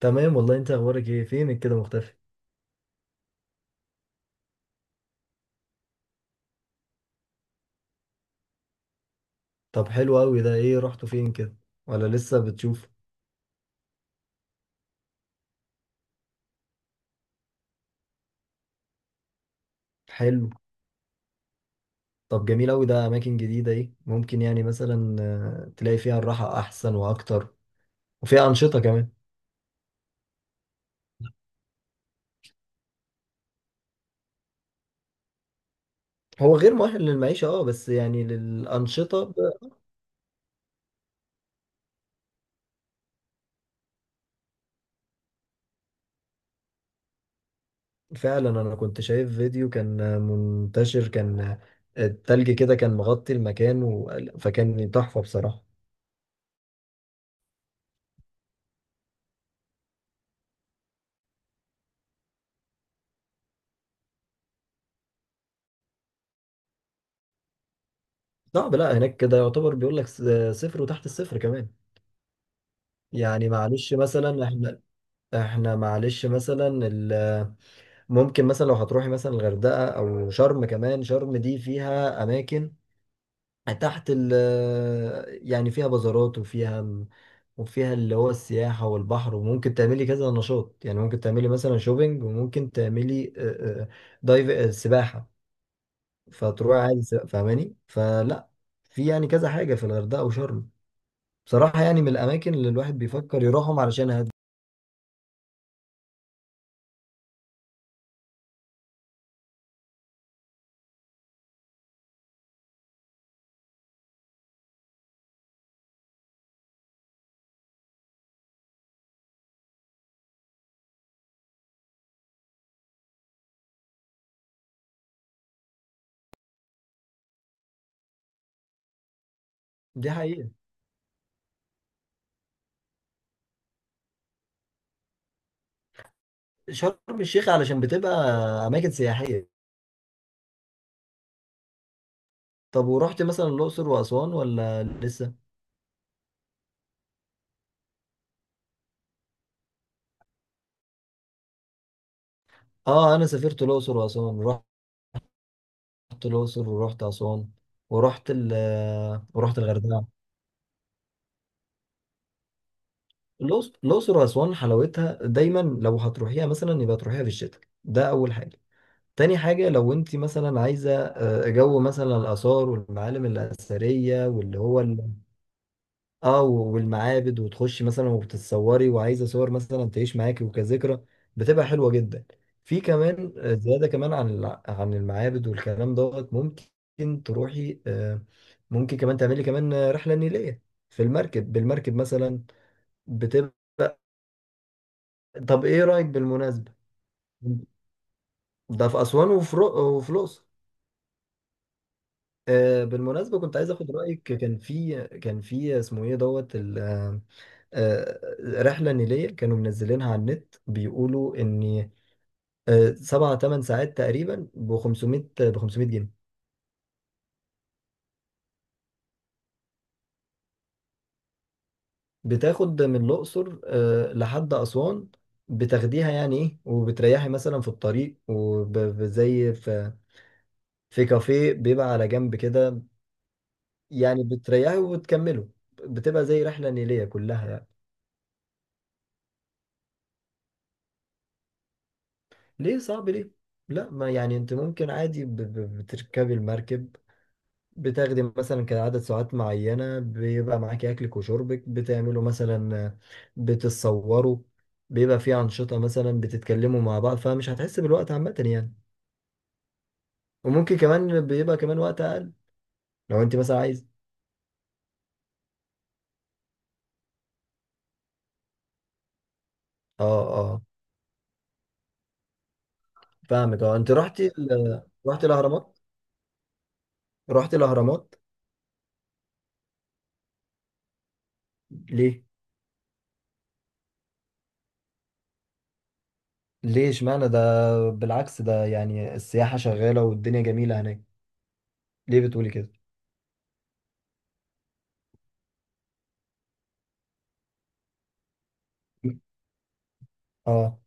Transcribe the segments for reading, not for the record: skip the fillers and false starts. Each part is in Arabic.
تمام والله، انت اخبارك ايه؟ فينك كده مختفي؟ طب حلو قوي، ده ايه رحتوا فين كده ولا لسه بتشوف؟ حلو. طب جميل قوي، ده اماكن جديدة ايه ممكن يعني مثلا تلاقي فيها الراحة احسن واكتر وفيها انشطة كمان. هو غير مؤهل للمعيشة. اه بس يعني للانشطة فعلا، انا كنت شايف فيديو كان منتشر، كان التلج كده كان مغطي المكان فكان تحفة بصراحة. صعب، لا هناك كده يعتبر بيقول لك صفر وتحت الصفر كمان. يعني معلش مثلا احنا، احنا معلش مثلا ال- ممكن مثلا لو هتروحي مثلا الغردقه او شرم. كمان شرم دي فيها اماكن تحت ال يعني فيها بازارات وفيها اللي هو السياحه والبحر، وممكن تعملي كذا نشاط. يعني ممكن تعملي مثلا شوبينج، وممكن تعملي دايف، سباحه. فتروحي عادي سباحة، فاهماني؟ فلا، في يعني كذا حاجه في الغردقه وشرم، بصراحه، يعني من الاماكن اللي الواحد بيفكر يروحهم علشان دي حقيقه. شرم الشيخ علشان بتبقى اماكن سياحيه. طب ورحت مثلا الاقصر واسوان ولا لسه؟ اه، انا سافرت الاقصر واسوان. رحت الاقصر ورحت اسوان ورحت ال ورحت الغردقه. الاقصر واسوان حلاوتها دايما، لو هتروحيها مثلا يبقى تروحيها في الشتاء، ده اول حاجه. تاني حاجه، لو انت مثلا عايزه جو مثلا الاثار والمعالم الاثريه واللي هو، اه والمعابد، وتخشي مثلا وبتتصوري وعايزه صور مثلا تعيش معاكي وكذكرى، بتبقى حلوه جدا. في كمان زياده كمان عن عن المعابد والكلام دوت، ممكن تروحي، ممكن كمان تعملي كمان، رحله نيليه في المركب، بالمركب مثلا بتبقى. طب ايه رايك بالمناسبه؟ ده في اسوان وفي الاقصر. بالمناسبه، كنت عايز اخد رايك. كان في اسمه ايه دوت، آه، رحلة نيلية كانوا منزلينها على النت، بيقولوا إن سبعة تمن ساعات تقريبا ب 500 جنيه. بتاخد من الأقصر لحد أسوان. بتاخديها يعني إيه، وبتريحي مثلا في الطريق، وزي في في كافيه بيبقى على جنب كده. يعني بتريحي وبتكمله، بتبقى زي رحلة نيلية كلها يعني. ليه صعب؟ ليه؟ لا ما يعني، انت ممكن عادي بتركبي المركب، بتاخدي مثلا كده عدد ساعات معينة، بيبقى معاكي أكلك وشربك، بتعملوا مثلا بتتصوروا، بيبقى في أنشطة، مثلا بتتكلموا مع بعض، فمش هتحس بالوقت عامة يعني. وممكن كمان بيبقى كمان وقت أقل لو أنت مثلا عايز. اه اه، فاهمك. اه، أنت رحتي رحتي الأهرامات؟ رحتي الأهرامات؟ ليه؟ ليه اشمعنى ده؟ بالعكس، ده يعني السياحة شغالة والدنيا جميلة هناك. ليه بتقولي كده؟ اه،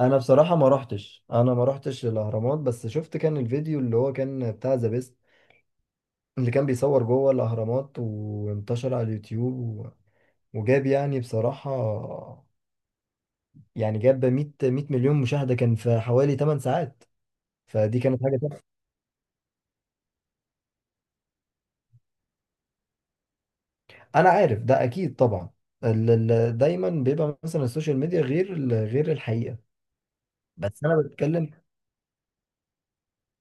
انا بصراحه ما رحتش، انا ما رحتش الاهرامات، بس شفت كان الفيديو اللي هو كان بتاع ذا بيست، اللي كان بيصور جوه الاهرامات وانتشر على اليوتيوب وجاب، يعني بصراحه، يعني جاب 100 مليون مشاهده كان في حوالي 8 ساعات. فدي كانت حاجه تحفة. انا عارف ده اكيد طبعا. دايما بيبقى مثلا السوشيال ميديا غير غير الحقيقه. بس انا بتكلم.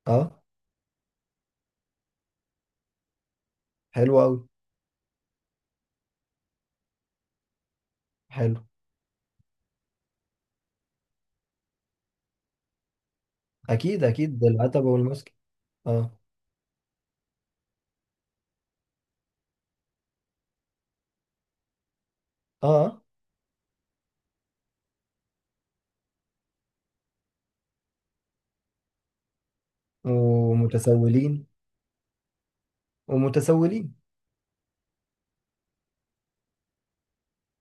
اه. حلو قوي. حلو. اكيد اكيد، العتبه والمسك. اه. اه. ومتسولين. ومتسولين.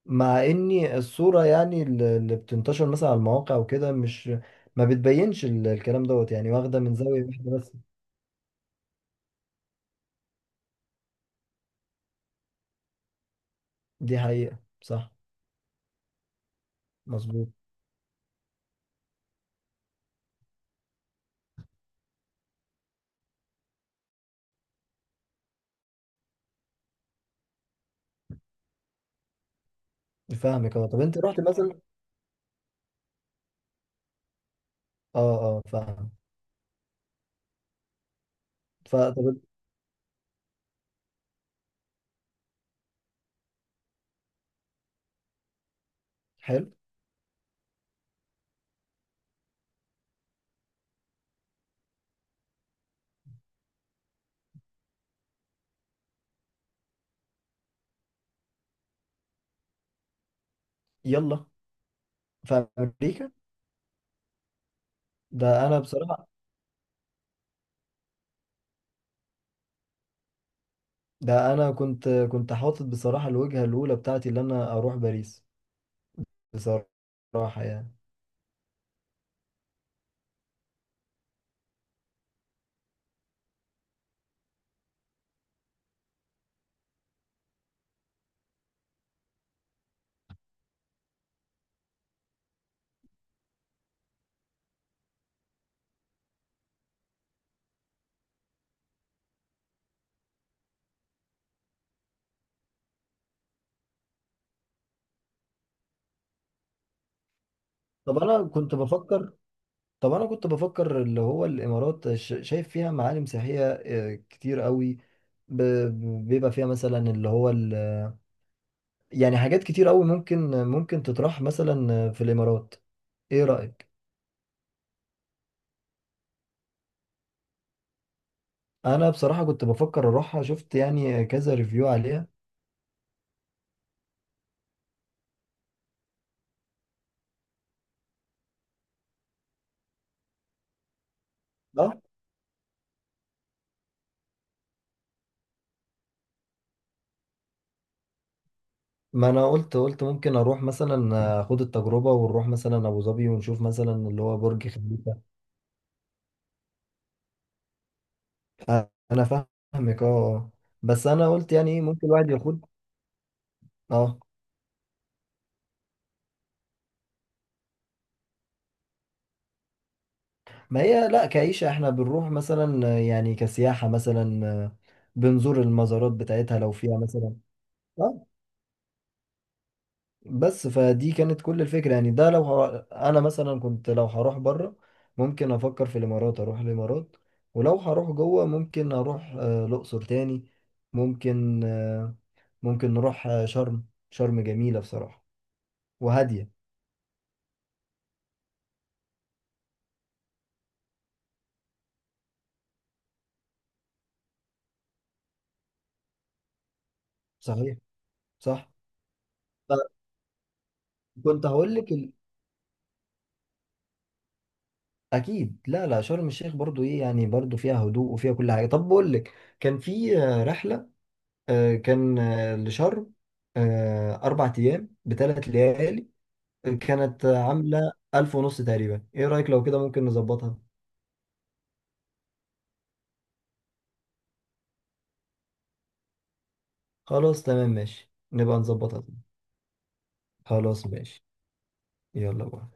مع اني الصورة يعني اللي بتنتشر مثلا على المواقع وكده، مش ما بتبينش الكلام دوت، يعني واخدة من زاوية واحدة بس. دي حقيقة، صح. مظبوط. فاهمك. اه، طب انت رحت مثلا. اه اه، فاهم. فطب. حلو. يلا. في امريكا؟ ده انا بصراحة، ده انا كنت حاطط بصراحة الوجهة الاولى بتاعتي اللي انا اروح باريس بصراحة يعني. طب انا كنت بفكر طب انا كنت بفكر اللي هو الامارات، شايف فيها معالم سياحيه كتير قوي. بيبقى فيها مثلا اللي هو يعني حاجات كتير قوي، ممكن تطرح مثلا في الامارات. ايه رايك؟ انا بصراحه كنت بفكر اروحها، شفت يعني كذا ريفيو عليها. اه، ما انا قلت ممكن اروح، مثلا اخد التجربه، ونروح مثلا ابو ظبي ونشوف مثلا اللي هو برج خليفه. انا فاهمك، اه. آه. بس انا قلت يعني ايه، ممكن الواحد ياخد. اه، ما هي لا، كعيشة احنا بنروح مثلا يعني كسياحة مثلا، بنزور المزارات بتاعتها لو فيها مثلا. اه، بس فدي كانت كل الفكرة يعني، ده لو انا مثلا كنت لو هروح بره، ممكن افكر في الامارات، اروح الامارات. ولو هروح جوه ممكن اروح الاقصر تاني. ممكن، ممكن نروح شرم. شرم جميلة بصراحة، وهادية. صحيح. صح. فكنت هقول لك، اكيد لا لا، شرم الشيخ برضو ايه يعني. برضو فيها هدوء وفيها كل حاجه. طب بقول لك، كان في رحله، كان لشرم، 4 ايام بثلاث ليالي. كانت عامله 1500 تقريبا. ايه رايك لو كده ممكن نظبطها؟ خلاص تمام ماشي، نبقى نظبطها. خلاص ماشي. يلا بقى.